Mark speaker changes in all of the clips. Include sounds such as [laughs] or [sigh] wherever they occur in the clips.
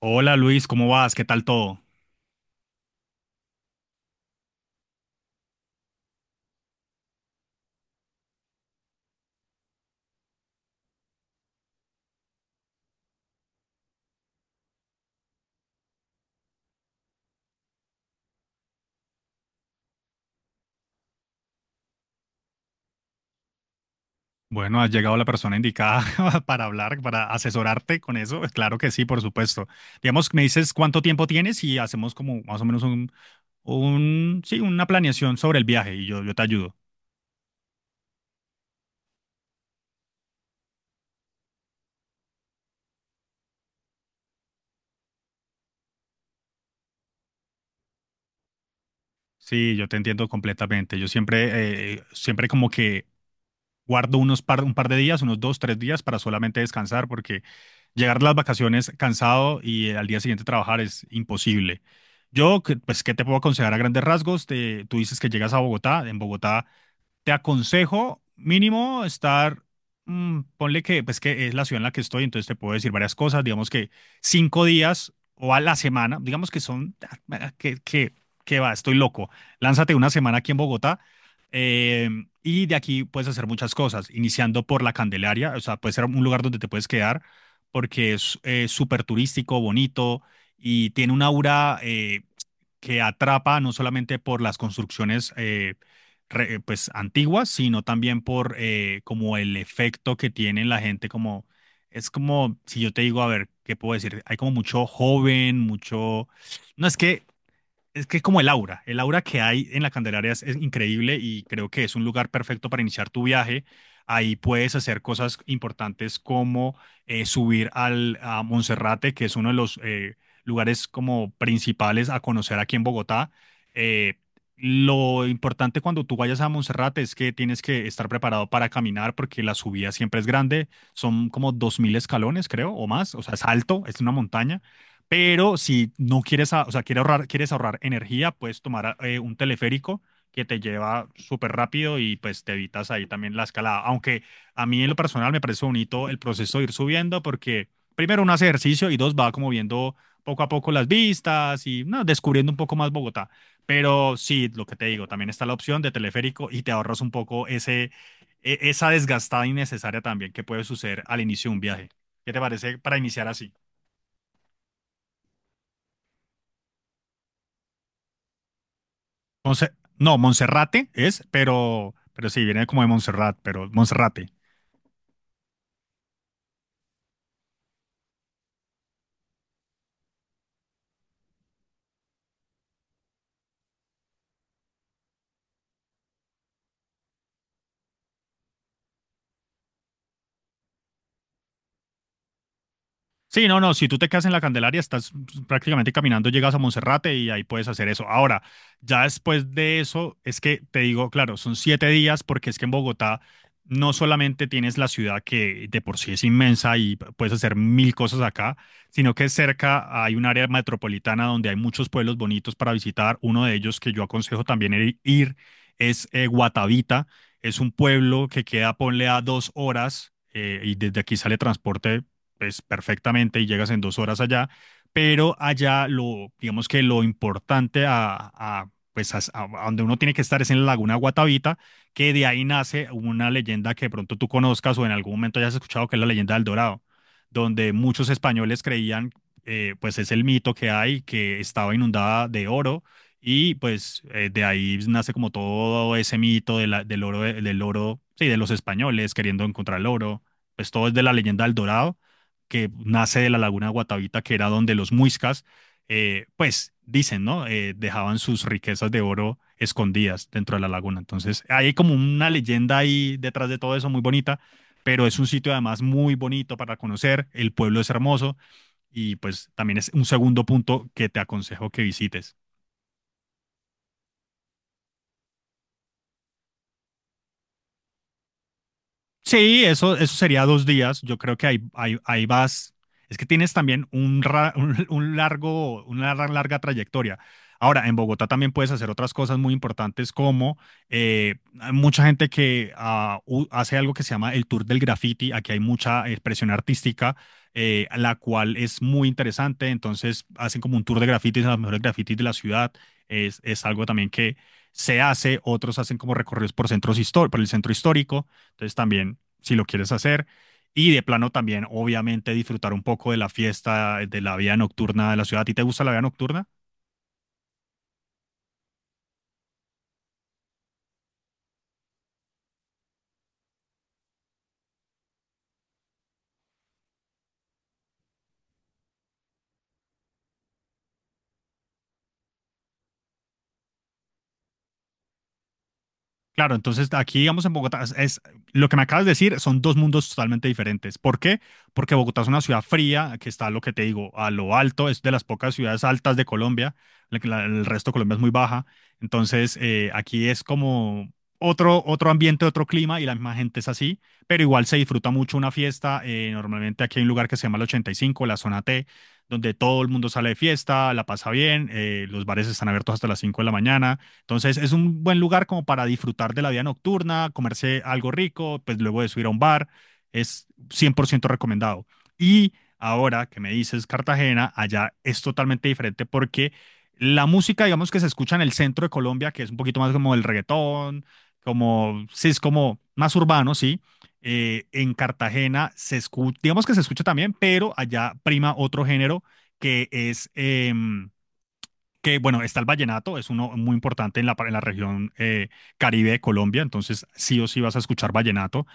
Speaker 1: Hola Luis, ¿cómo vas? ¿Qué tal todo? Bueno, has llegado la persona indicada [laughs] para hablar, para asesorarte con eso. Pues claro que sí, por supuesto. Digamos, me dices cuánto tiempo tienes y hacemos como más o menos sí, una planeación sobre el viaje y yo te ayudo. Sí, yo te entiendo completamente. Yo siempre, siempre como que guardo un par de días, unos dos, tres días para solamente descansar, porque llegar a las vacaciones cansado y al día siguiente trabajar es imposible. Pues, ¿qué te puedo aconsejar a grandes rasgos? Tú dices que llegas a Bogotá. En Bogotá te aconsejo mínimo estar, ponle que, pues que es la ciudad en la que estoy, entonces te puedo decir varias cosas, digamos que cinco días o a la semana, digamos que son, que va, estoy loco, lánzate una semana aquí en Bogotá. eh, y de aquí puedes hacer muchas cosas, iniciando por la Candelaria, o sea, puede ser un lugar donde te puedes quedar porque es súper turístico, bonito y tiene un aura, que atrapa no solamente por las construcciones pues antiguas, sino también por como el efecto que tiene en la gente, como es como si yo te digo, a ver, ¿qué puedo decir? Hay como mucho joven, mucho, no es que es que es como el aura que hay en la Candelaria es increíble y creo que es un lugar perfecto para iniciar tu viaje. Ahí puedes hacer cosas importantes como subir a Monserrate, que es uno de los lugares como principales a conocer aquí en Bogotá. Eh, lo importante cuando tú vayas a Monserrate es que tienes que estar preparado para caminar porque la subida siempre es grande, son como 2.000 escalones, creo, o más, o sea, es alto, es una montaña, pero si no quieres, o sea, quieres ahorrar energía, puedes tomar un teleférico que te lleva súper rápido y pues te evitas ahí también la escalada. Aunque a mí en lo personal me parece bonito el proceso de ir subiendo porque primero uno hace ejercicio y dos va como viendo poco a poco las vistas y no, descubriendo un poco más Bogotá. Pero sí, lo que te digo, también está la opción de teleférico y te ahorras un poco esa desgastada innecesaria también que puede suceder al inicio de un viaje. ¿Qué te parece para iniciar así? Monse- no, Monserrate es, pero sí, viene como de Montserrat, pero Monserrate. Sí, no, no, si tú te quedas en la Candelaria, estás pues, prácticamente caminando, llegas a Monserrate y ahí puedes hacer eso. Ahora, ya después de eso, es que te digo, claro, son siete días porque es que en Bogotá no solamente tienes la ciudad que de por sí es inmensa y puedes hacer mil cosas acá, sino que cerca hay un área metropolitana donde hay muchos pueblos bonitos para visitar. Uno de ellos que yo aconsejo también ir es Guatavita. Es un pueblo que queda, ponle a dos horas y desde aquí sale transporte pues perfectamente y llegas en dos horas allá, pero allá lo, digamos que lo importante a pues a donde uno tiene que estar es en la Laguna Guatavita, que de ahí nace una leyenda que de pronto tú conozcas o en algún momento hayas escuchado, que es la leyenda del Dorado, donde muchos españoles creían, pues es el mito que hay, que estaba inundada de oro. Y pues de ahí nace como todo ese mito de del oro, sí, de los españoles queriendo encontrar el oro. Pues todo es de la leyenda del Dorado que nace de la laguna de Guatavita, que era donde los muiscas, pues dicen, ¿no? Dejaban sus riquezas de oro escondidas dentro de la laguna. Entonces, hay como una leyenda ahí detrás de todo eso muy bonita, pero es un sitio además muy bonito para conocer, el pueblo es hermoso y pues también es un segundo punto que te aconsejo que visites. Sí, eso sería dos días. Yo creo que ahí vas. Es que tienes también un largo, larga trayectoria. Ahora, en Bogotá también puedes hacer otras cosas muy importantes como eh, hay mucha gente que hace algo que se llama el tour del graffiti. Aquí hay mucha expresión artística, la cual es muy interesante. Entonces, hacen como un tour de grafitis, a los mejores grafitis de la ciudad. Es algo también que se hace. Otros hacen como recorridos por por el centro histórico. Entonces también, si lo quieres hacer, y de plano también, obviamente, disfrutar un poco de la fiesta, de la vida nocturna de la ciudad. ¿A ti te gusta la vida nocturna? Claro, entonces aquí, digamos, en Bogotá, lo que me acabas de decir, son dos mundos totalmente diferentes. ¿Por qué? Porque Bogotá es una ciudad fría, que está lo que te digo, a lo alto, es de las pocas ciudades altas de Colombia, la que el resto de Colombia es muy baja. Entonces, aquí es como otro ambiente, otro clima, y la misma gente es así, pero igual se disfruta mucho una fiesta. Normalmente aquí hay un lugar que se llama el 85, la zona T, donde todo el mundo sale de fiesta, la pasa bien, los bares están abiertos hasta las 5 de la mañana, entonces es un buen lugar como para disfrutar de la vida nocturna, comerse algo rico, pues luego de subir a un bar, es 100% recomendado. Y ahora que me dices Cartagena, allá es totalmente diferente porque la música, digamos que se escucha en el centro de Colombia, que es un poquito más como el reggaetón, como, sí, es como más urbano, sí. En Cartagena se escucha, digamos que se escucha también, pero allá prima otro género que que bueno, está el vallenato, es uno muy importante en en la región Caribe de Colombia, entonces sí o sí vas a escuchar vallenato.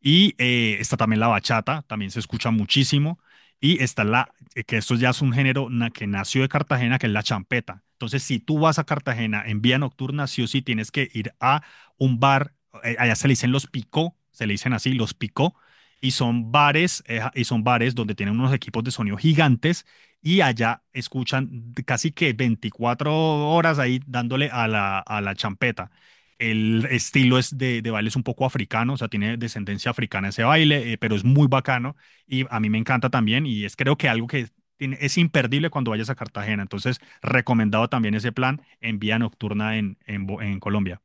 Speaker 1: Y está también la bachata, también se escucha muchísimo. Y está que esto ya es un que nació de Cartagena, que es la champeta. Entonces, si tú vas a Cartagena en vía nocturna, sí o sí tienes que ir a un bar, allá se le dicen los picó, se le dicen así, los picó, y son bares donde tienen unos equipos de sonido gigantes, y allá escuchan casi que 24 horas ahí dándole a a la champeta. El estilo es de baile es un poco africano, o sea, tiene descendencia africana ese baile, pero es muy bacano y a mí me encanta también y es creo que algo que es imperdible cuando vayas a Cartagena. Entonces, recomendado también ese plan en vía nocturna en Colombia.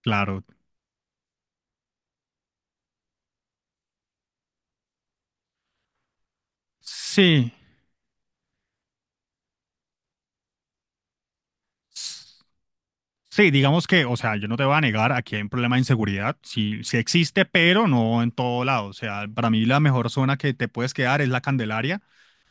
Speaker 1: Claro. Sí. Sí, digamos que, o sea, yo no te voy a negar, aquí hay un problema de inseguridad, sí, sí existe, pero no en todo lado. O sea, para mí la mejor zona que te puedes quedar es la Candelaria.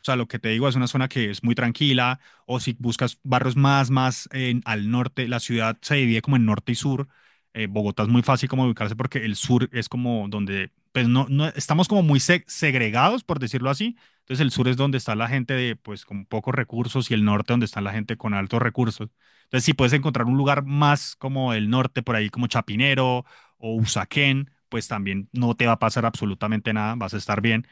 Speaker 1: O sea, lo que te digo es una zona que es muy tranquila, o si buscas barrios más, al norte, la ciudad se divide como en norte y sur. Bogotá es muy fácil como ubicarse porque el sur es como donde, pues no, no estamos como muy segregados, por decirlo así. Entonces el sur es donde está la gente de, pues, con pocos recursos y el norte donde está la gente con altos recursos. Entonces, si puedes encontrar un lugar más como el norte, por ahí como Chapinero o Usaquén, pues también no te va a pasar absolutamente nada, vas a estar bien,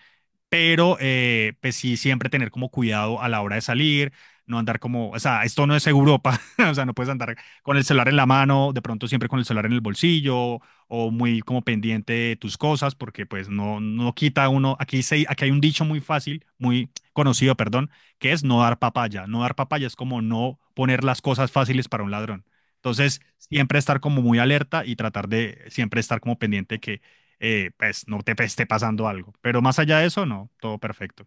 Speaker 1: pero pues sí, siempre tener como cuidado a la hora de salir, no andar como, o sea, esto no es Europa, [laughs] o sea, no puedes andar con el celular en la mano, de pronto siempre con el celular en el bolsillo o muy como pendiente de tus cosas, porque pues no, no quita uno, aquí hay un dicho muy fácil, muy conocido, perdón, que es no dar papaya, no dar papaya es como no poner las cosas fáciles para un ladrón. Entonces, siempre estar como muy alerta y tratar de siempre estar como pendiente que pues no te pues, esté pasando algo. Pero más allá de eso, no, todo perfecto.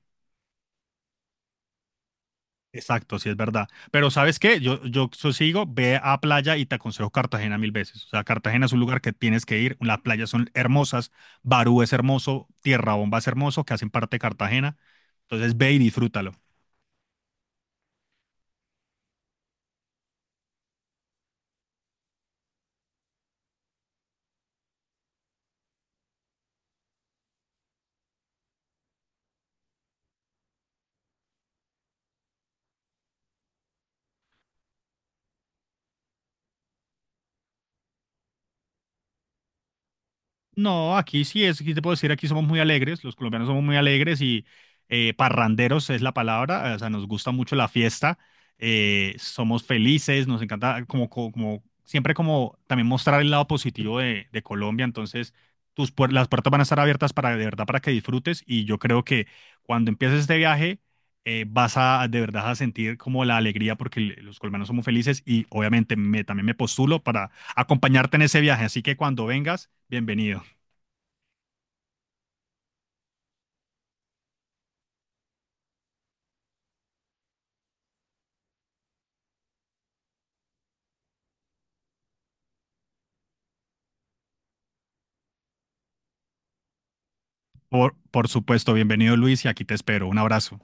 Speaker 1: Exacto, sí es verdad. Pero ¿sabes qué? Yo sigo, ve a playa y te aconsejo Cartagena mil veces. O sea, Cartagena es un lugar que tienes que ir. Las playas son hermosas, Barú es hermoso, Tierra Bomba es hermoso, que hacen parte de Cartagena. Entonces ve y disfrútalo. No, aquí sí es, aquí te puedo decir, aquí somos muy alegres, los colombianos somos muy alegres y parranderos es la palabra, o sea, nos gusta mucho la fiesta, somos felices, nos encanta siempre como también mostrar el lado positivo de Colombia, entonces las puertas van a estar abiertas para de verdad para que disfrutes y yo creo que cuando empieces este viaje vas a de verdad a sentir como la alegría porque los colombianos somos felices y obviamente también me postulo para acompañarte en ese viaje, así que cuando vengas... Bienvenido. Por supuesto, bienvenido Luis y aquí te espero. Un abrazo.